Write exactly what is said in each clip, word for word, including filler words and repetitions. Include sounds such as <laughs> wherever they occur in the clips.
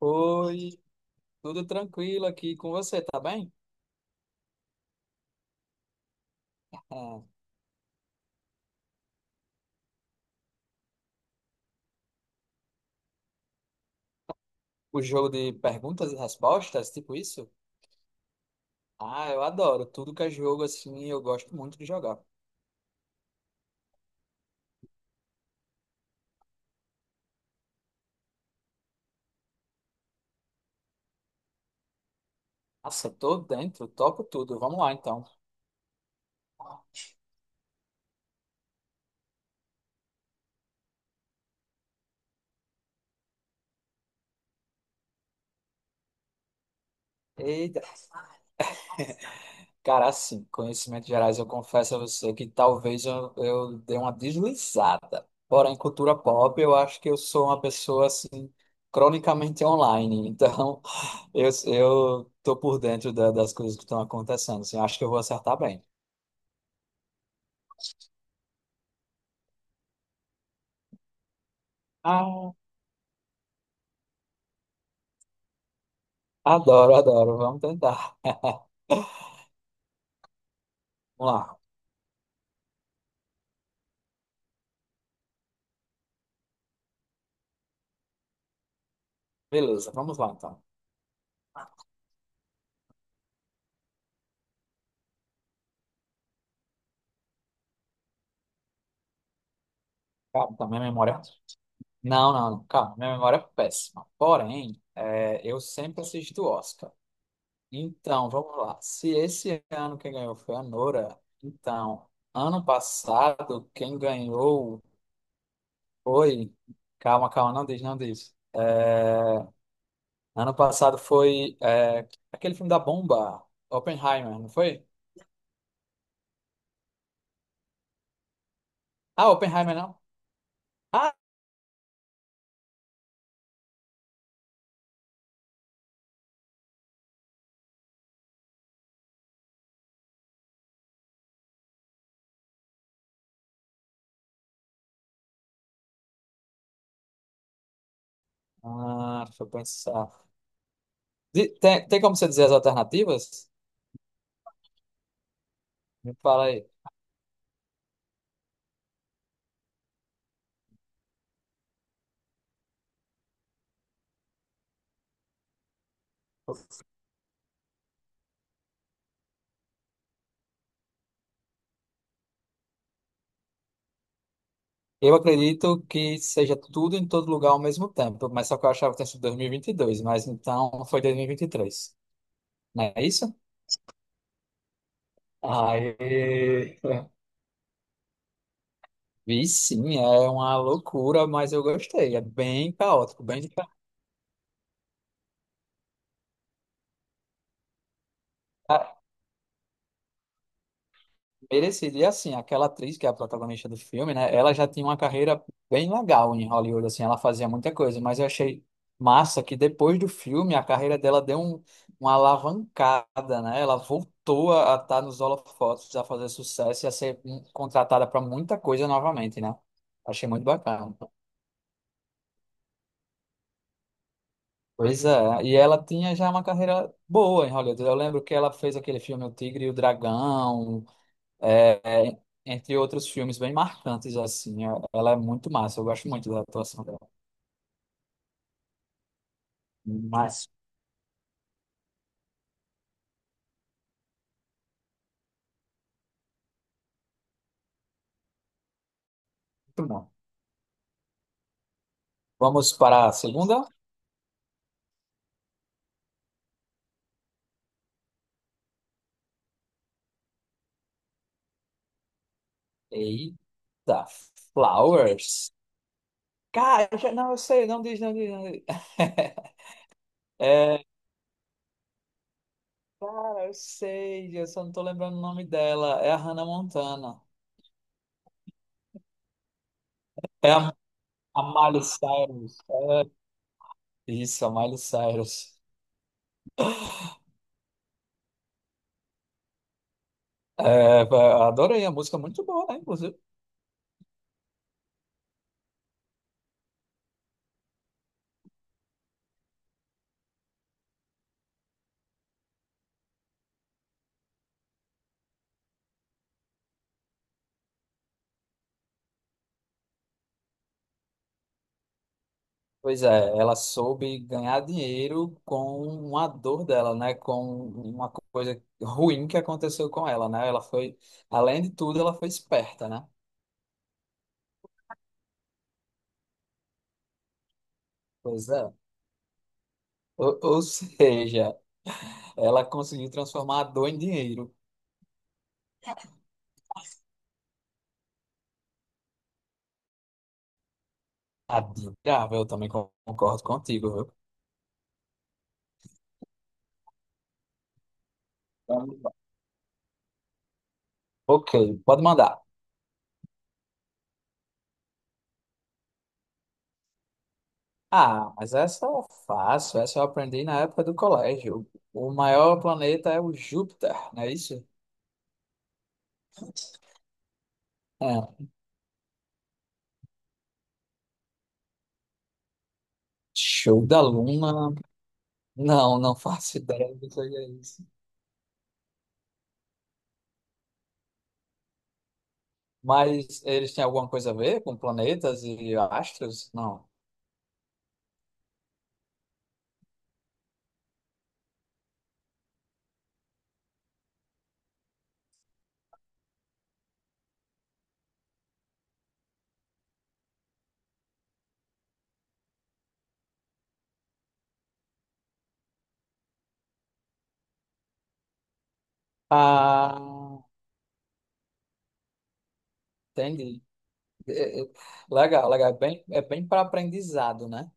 Oi, tudo tranquilo aqui com você, tá bem? Ah, o jogo de perguntas e respostas, tipo isso? Ah, eu adoro. Tudo que é jogo assim, eu gosto muito de jogar. Nossa, tô dentro, topo tudo. Vamos lá então. Eita. Cara, assim, conhecimentos gerais, eu confesso a você que talvez eu, eu dei uma deslizada. Porém, cultura pop, eu acho que eu sou uma pessoa assim, cronicamente online. Então, <laughs> eu, eu tô por dentro da- das coisas que estão acontecendo. Assim, acho que eu vou acertar bem. Ah, adoro, adoro. Vamos tentar. Vamos lá. Beleza, vamos lá então. Calma, então, minha memória. Não, não, não. Calma, minha memória é péssima. Porém, é, eu sempre assisto o Oscar. Então, vamos lá. Se esse ano quem ganhou foi a Nora, então, ano passado quem ganhou foi. Calma, calma, não diz, não diz. É, Ano passado foi é, aquele filme da bomba, Oppenheimer, não foi? Ah, Oppenheimer não. Ah, ah, deixa eu pensar. Di- Tem, tem como você dizer as alternativas? Me fala aí. Eu acredito que seja tudo em todo lugar ao mesmo tempo, mas só que eu achava que tinha sido dois mil e e vinte e dois, mas então foi dois mil e vinte e três. Não é isso? Aê! Vi sim, é uma loucura, mas eu gostei. É bem caótico, bem diferente. Merecido. E assim, aquela atriz que é a protagonista do filme, né? Ela já tinha uma carreira bem legal em Hollywood, assim, ela fazia muita coisa, mas eu achei massa que depois do filme a carreira dela deu um- uma alavancada, né? Ela voltou a estar nos holofotes, a fazer sucesso e a ser hum, contratada para muita coisa novamente, né? Achei muito bacana. Pois é, e ela tinha já uma carreira boa em Hollywood. Eu lembro que ela fez aquele filme O Tigre e o Dragão, É, entre outros filmes bem marcantes, assim. é- Ela é muito massa, eu gosto muito da atuação dela. Mas, muito bom. Vamos para a segunda? Eita, Flowers. Cara, eu já- não, eu sei, não diz, não diz, não diz. <laughs> É, eu sei, eu só não tô lembrando o nome dela. É a Hannah Montana. É a, a Miley Cyrus. É, isso, a Miley Cyrus. É, eu adorei a música, é muito boa, né, inclusive. Pois é, ela soube ganhar dinheiro com uma dor dela, né? Com uma coisa ruim que aconteceu com ela, né? Ela foi, além de tudo, ela foi esperta, né? Pois é. Ou, ou seja, ela conseguiu transformar a dor em dinheiro. Admirável, eu também con- concordo contigo, viu? Então, ok, pode mandar. Ah, mas essa é fácil, essa eu aprendi na época do colégio. O maior planeta é o Júpiter, não é isso? É, show da Luna. Não, não <laughs> faço ideia do que seja isso. Mas eles têm alguma coisa a ver com planetas e astros? Não. Ah, entendi. É, é, legal, legal. É bem, é bem para aprendizado, né?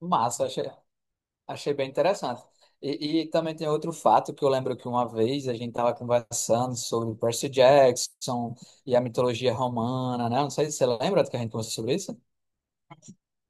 Massa, achei, achei bem interessante. E, e também tem outro fato que eu lembro que uma vez a gente estava conversando sobre Percy Jackson e a mitologia romana, né? Não sei se você lembra que a gente conversou sobre isso.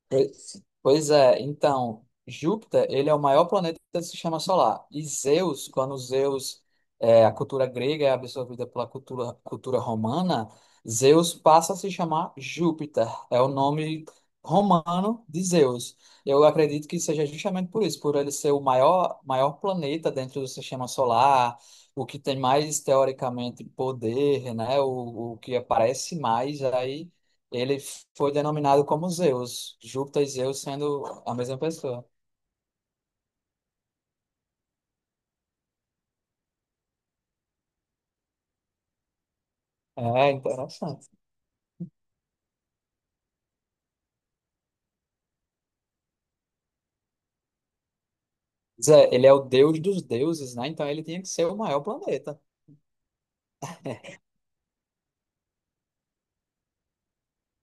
Pois pois é, então, Júpiter, ele é o maior planeta do sistema solar. E Zeus, quando Zeus, é, a cultura grega é absorvida pela cultura, cultura romana, Zeus passa a se chamar Júpiter. É o nome romano de Zeus. Eu acredito que seja justamente por isso, por ele ser o maior, maior planeta dentro do sistema solar, o que tem mais, teoricamente, poder, né? O, o que aparece mais aí. Ele foi denominado como Zeus, Júpiter e Zeus sendo a mesma pessoa. É interessante. Pois é, ele é o deus dos deuses, né? Então ele tinha que ser o maior planeta.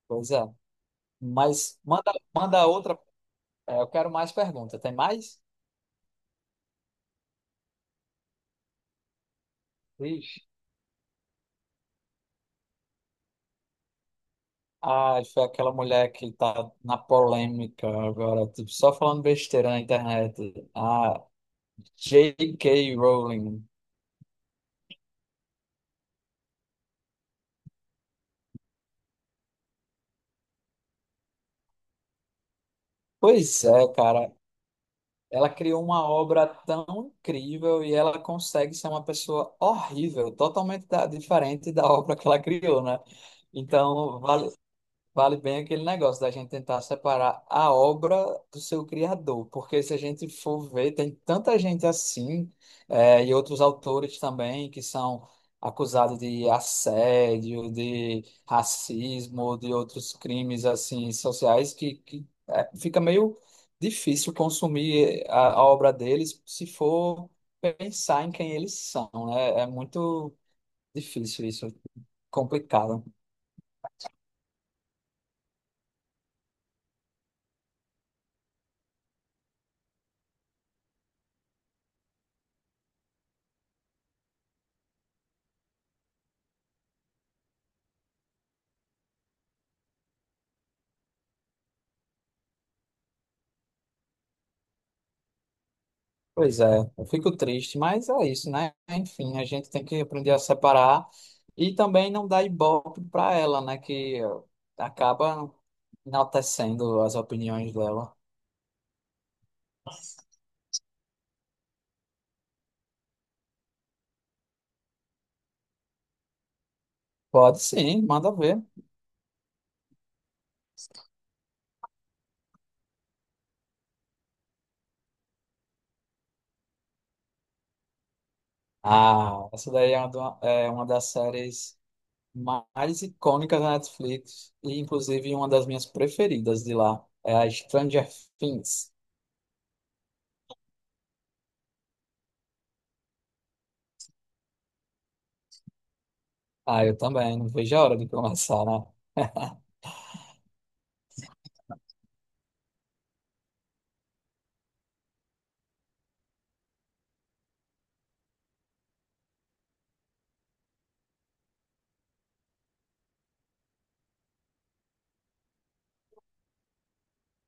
Pois é. Mas manda, manda outra. É, eu quero mais perguntas. Tem mais? Ixi. Ah, foi aquela mulher que tá na polêmica agora, tipo, só falando besteira na internet. Ah, J K. Rowling. Pois é, cara. Ela criou uma obra tão incrível e ela consegue ser uma pessoa horrível, totalmente da- diferente da obra que ela criou, né? Então, vale, vale bem aquele negócio da gente tentar separar a obra do seu criador, porque se a gente for ver, tem tanta gente assim, eh, e outros autores também que são acusados de assédio, de racismo, de outros crimes assim sociais, que, que eh, fica meio difícil consumir eh, a, a obra deles se for pensar em quem eles são, né? É muito difícil isso, complicado. Pois é, eu fico triste, mas é isso, né? Enfim, a gente tem que aprender a separar e também não dar ibope para ela, né? Que acaba enaltecendo as opiniões dela. Pode sim, manda ver. Ah, essa daí é uma, do- é uma das séries mais icônicas da Netflix e, inclusive, uma das minhas preferidas de lá. É a Stranger Things. Ah, eu também, não vejo a hora de começar, né?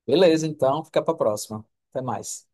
Beleza, então, fica para próxima. Até mais.